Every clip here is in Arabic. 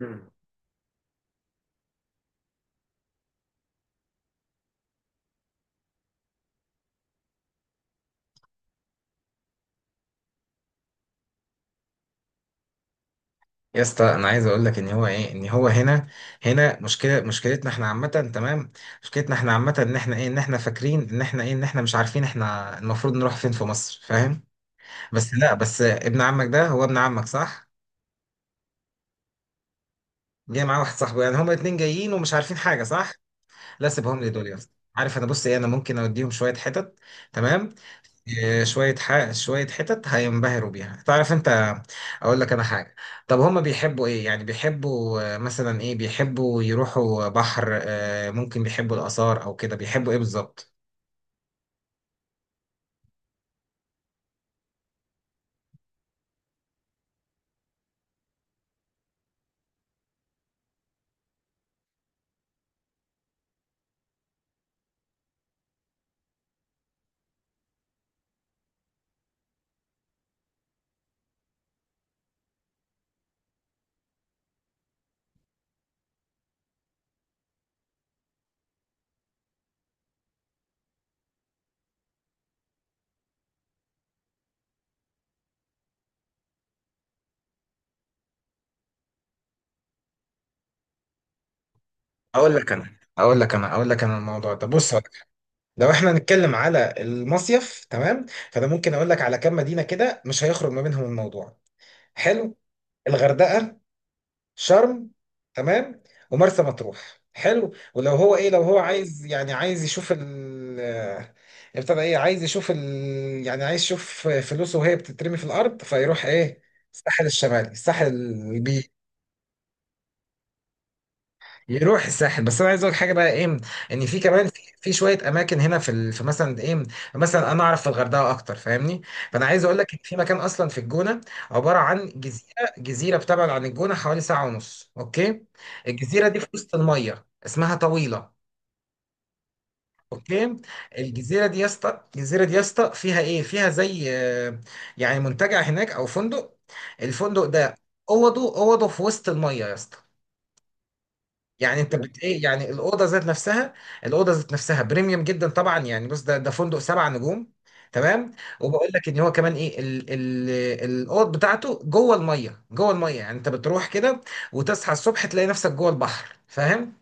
مم. يا اسطى، انا عايز اقول لك ان هو هنا مشكلتنا احنا عامه، تمام. مشكلتنا احنا عامه، ان احنا فاكرين ان احنا مش عارفين احنا المفروض نروح فين في مصر، فاهم؟ بس لا، بس ابن عمك ده هو ابن عمك، صح؟ جاي معاه واحد صاحبه، يعني هما اتنين جايين ومش عارفين حاجه، صح؟ لا سيبهم لي دول يا اسطى، عارف، انا بص ايه، انا ممكن اوديهم شويه حتت، تمام. شوية حتت هينبهروا بيها، تعرف انت؟ اقول لك انا حاجة. طب هما بيحبوا ايه؟ يعني بيحبوا مثلا ايه، بيحبوا يروحوا بحر؟ ممكن بيحبوا الآثار او كده؟ بيحبوا ايه بالظبط؟ اقول لك انا اقول لك انا اقول لك انا الموضوع ده، بص هقول لك حاجة. لو احنا هنتكلم على المصيف، تمام، فانا ممكن اقول لك على كام مدينة كده مش هيخرج ما بينهم الموضوع. حلو. الغردقة، شرم، تمام، ومرسى مطروح. حلو، ولو هو ايه، لو هو عايز يعني عايز يشوف ال، آه، ابتدى ايه، عايز يشوف ال، يعني عايز يشوف فلوسه وهي بتترمي في الارض، فيروح ايه؟ الساحل الشمالي، الساحل البي. يروح الساحل، بس انا عايز اقول حاجه، بقى ايه، ان في كمان، في شويه اماكن هنا في مثلا ايه. مثلا انا اعرف في الغردقه اكتر، فاهمني. فانا عايز اقول لك ان في مكان اصلا في الجونه، عباره عن جزيره بتبعد عن الجونه حوالي ساعه ونص، اوكي. الجزيره دي في وسط الميه اسمها طويله. اوكي، الجزيره دي يا اسطى فيها ايه؟ فيها زي يعني منتجع هناك او فندق. الفندق ده اوضه في وسط الميه يا اسطى. يعني انت بت ايه، يعني الاوضه ذات نفسها، الاوضه ذات نفسها بريميوم جدا طبعا. يعني بص، ده فندق سبع نجوم، تمام. وبقول لك ان هو كمان ايه، ال ال الاوض بتاعته جوه الميه، جوه الميه يعني انت بتروح كده، وتصحى الصبح تلاقي نفسك جوه البحر، فاهم؟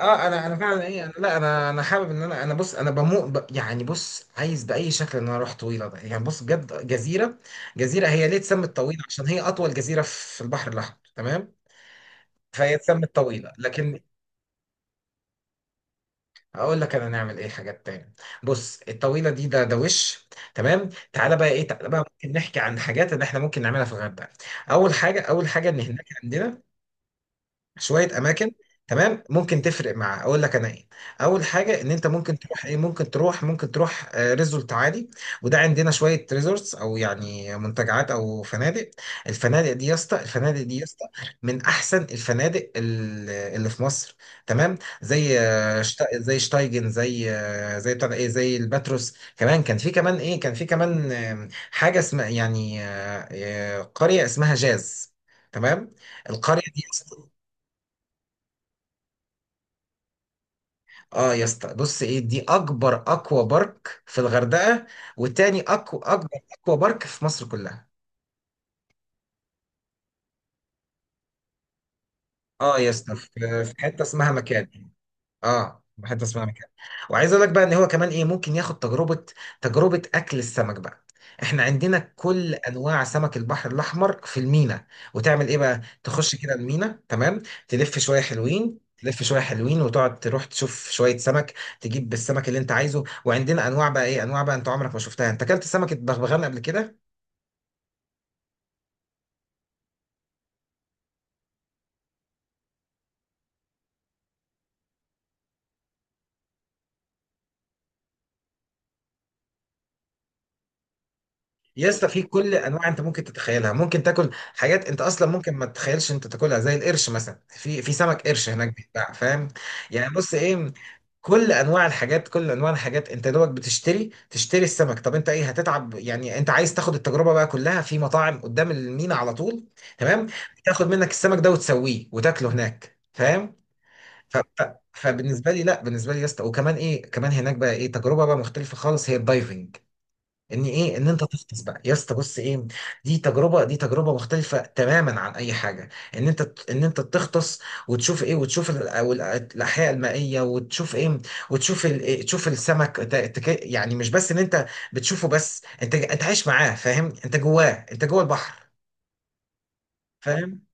اه، انا فعلا ايه، انا لا، انا حابب ان انا، بص انا بموت يعني بص عايز باي شكل ان انا اروح طويله ده، يعني بص بجد، جزيره. جزيره هي ليه اتسمت طويله؟ عشان هي اطول جزيره في البحر الاحمر، تمام. فهي اتسمت طويله، لكن هقول لك انا نعمل ايه حاجات تاني. بص الطويله دي ده وش، تمام. تعالى بقى ممكن نحكي عن حاجات ان احنا ممكن نعملها في الغردقه. اول حاجه ان هناك عندنا شويه اماكن، تمام، ممكن تفرق مع، اقول لك انا ايه. اول حاجه ان انت ممكن تروح ايه ممكن تروح ممكن تروح ريزولت عادي. وده عندنا شويه ريزورتس، او يعني منتجعات او فنادق. الفنادق دي يا اسطى من احسن الفنادق اللي في مصر، تمام. زي زي شتايجن، زي زي بتاع ده ايه، زي الباتروس. كمان كان في كمان ايه، كان في كمان حاجه اسمها يعني قريه اسمها جاز، تمام. القريه دي، اه يا اسطى، بص ايه، دي اكبر اكوا بارك في الغردقه، وتاني اكبر اكوا بارك في مصر كلها. اه يا اسطى، في حته اسمها مكان. اه، بحب اسمعها كده. وعايز اقول لك بقى ان هو كمان ايه، ممكن ياخد تجربه، تجربه اكل السمك بقى. احنا عندنا كل انواع سمك البحر الاحمر في المينا. وتعمل ايه بقى؟ تخش كده المينا، تمام، تلف شويه حلوين وتقعد تروح تشوف شويه سمك، تجيب السمك اللي انت عايزه. وعندنا انواع بقى انت عمرك ما شفتها. انت اكلت سمكه بغبغان قبل كده؟ يا اسطى، في كل انواع انت ممكن تتخيلها، ممكن تاكل حاجات انت اصلا ممكن ما تتخيلش انت تاكلها، زي القرش مثلا. في سمك قرش هناك بيتباع، فاهم؟ يعني بص ايه، كل انواع الحاجات انت دوبك بتشتري السمك. طب انت ايه هتتعب؟ يعني انت عايز تاخد التجربه بقى، كلها في مطاعم قدام المينا على طول، تمام. بتاخد منك السمك ده وتسويه وتاكله هناك، فاهم؟ فبالنسبه لي، لا بالنسبه لي يا اسطى، وكمان ايه، كمان هناك بقى ايه، تجربه بقى مختلفه خالص هي الدايفنج، ان ايه، ان انت تغطس بقى يا اسطى. بص ايه، دي تجربه مختلفه تماما عن اي حاجه، ان انت تغطس، وتشوف ايه، وتشوف أو الاحياء المائيه، وتشوف ايه، وتشوف تشوف السمك، يعني مش بس ان انت بتشوفه، بس انت عايش معاه، فاهم؟ انت جواه، انت جوه البحر، فاهم؟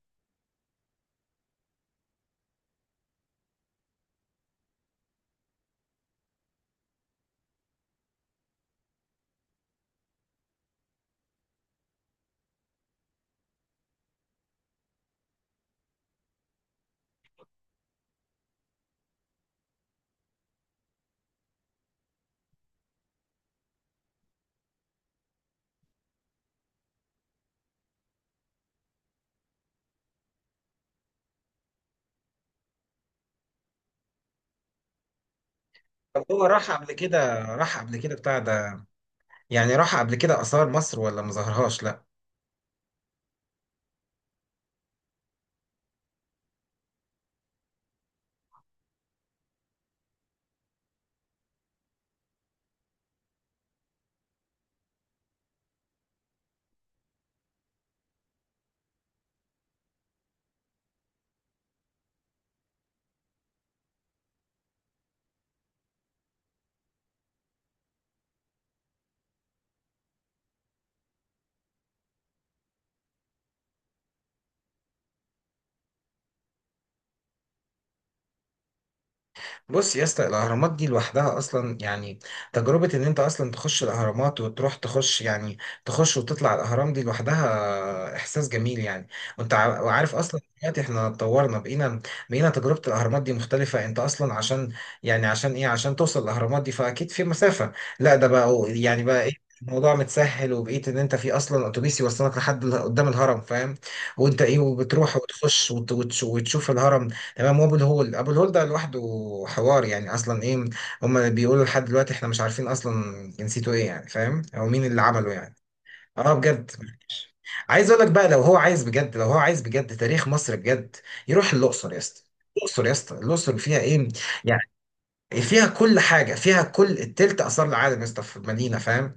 طب هو راح قبل كده بتاع ده، يعني راح قبل كده اثار مصر ولا ما ظهرهاش؟ بص يا اسطى، الاهرامات دي لوحدها اصلا يعني تجربه، ان انت اصلا تخش الاهرامات، وتروح تخش، يعني تخش وتطلع الاهرام دي لوحدها احساس جميل يعني. وعارف اصلا دلوقتي احنا اتطورنا، بقينا تجربه الاهرامات دي مختلفه. انت اصلا عشان، يعني عشان ايه، عشان توصل الاهرامات دي فاكيد في مسافه. لا ده بقى يعني بقى ايه، الموضوع متسهل، وبقيت ان انت في اصلا اتوبيس يوصلك لحد قدام الهرم، فاهم؟ وانت ايه، وبتروح وتخش وتشوف الهرم، تمام. وابو الهول ده لوحده حوار يعني اصلا ايه. هما بيقولوا لحد دلوقتي احنا مش عارفين اصلا جنسيته ايه يعني، فاهم؟ او مين اللي عمله يعني. اه بجد. عايز اقول لك بقى، لو هو عايز بجد تاريخ مصر بجد، يروح الاقصر يا اسطى الاقصر فيها ايه يعني. فيها كل حاجه، فيها كل التلت اثار العالم يا اسطى في المدينه، فاهم؟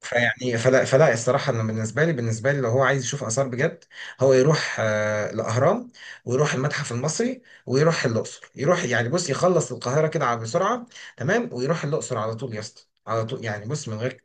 فيعني فلا الصراحة، أنا بالنسبة لي لو هو عايز يشوف آثار بجد، هو يروح الأهرام، ويروح المتحف المصري، ويروح الأقصر. يروح يعني، بص يخلص القاهرة كده بسرعة، تمام، ويروح الأقصر على طول يا اسطى، على طول يعني، بص من غير.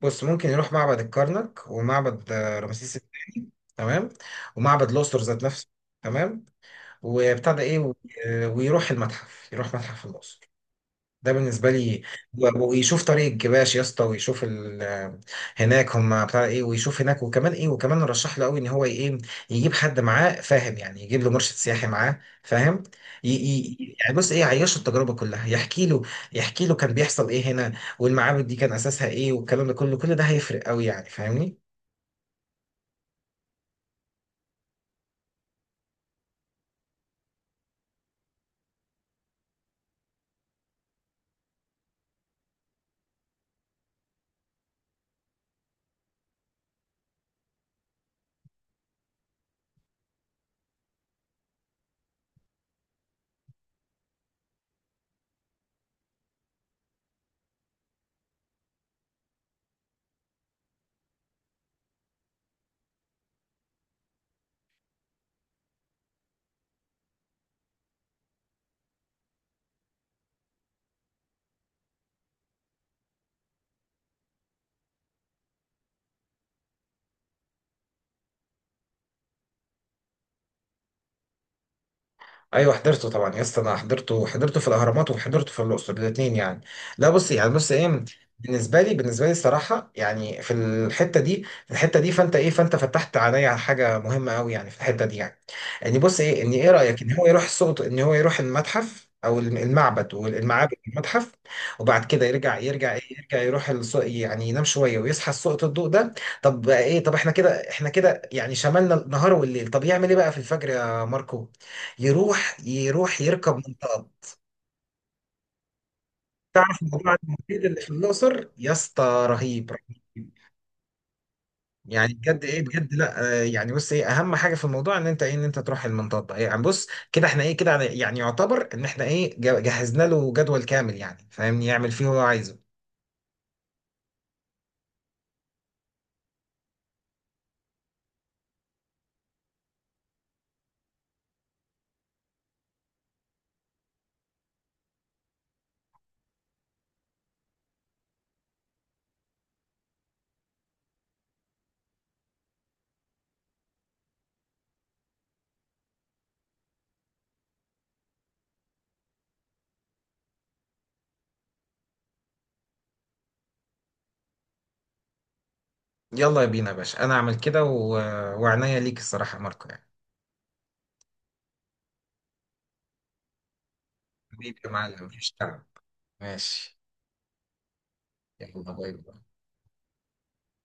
بص، ممكن يروح معبد الكرنك، ومعبد رمسيس الثاني، تمام، ومعبد الأقصر ذات نفسه، تمام، وبتاع ده إيه، ويروح المتحف يروح متحف الأقصر، ده بالنسبه لي. ويشوف طريق الجباش يا اسطى، ويشوف هناك هم بتاع ايه، ويشوف هناك. وكمان ايه، وكمان رشح له قوي ان هو ايه، يجيب حد معاه، فاهم؟ يعني يجيب له مرشد سياحي معاه، فاهم؟ يعني بص ايه، يعيشه التجربه كلها، يحكي له كان بيحصل ايه هنا، والمعابد دي كان اساسها ايه، والكلام ده كله، كل ده هيفرق قوي يعني، فاهمني؟ ايوه حضرته طبعا يا اسطى، انا حضرته في الاهرامات، وحضرته في الاقصر، الاثنين يعني. لا بص ايه، بالنسبه لي الصراحه يعني، في الحته دي فانت فتحت عليا على حاجه مهمه قوي، يعني في الحته دي يعني. يعني بص ايه، ان ايه رايك، ان هو يروح السوق، ان هو يروح المتحف او المعبد والمعابد، المتحف، وبعد كده يرجع يروح السوق، يعني ينام شويه ويصحى السوق الضوء ده. طب بقى ايه، طب احنا كده يعني شملنا النهار والليل. طب يعمل ايه بقى في الفجر يا ماركو؟ يروح يركب منطقة. تعرف موضوع المبيد اللي في الأقصر يا اسطى؟ رهيب رهيب. يعني بجد ايه بجد، لا يعني بص ايه، اهم حاجه في الموضوع ان انت تروح المنطقه إيه يعني. بص كده احنا ايه كده، يعني يعتبر ان احنا ايه جهزنا له جدول كامل، يعني فاهمني، يعمل فيه هو عايزه. يلا يا بينا يا باشا، انا اعمل كده وعنايا ليك الصراحه يا ماركو يعني. حبيبي يا معلم، مفيش تعب، ماشي. يلا، باي باي.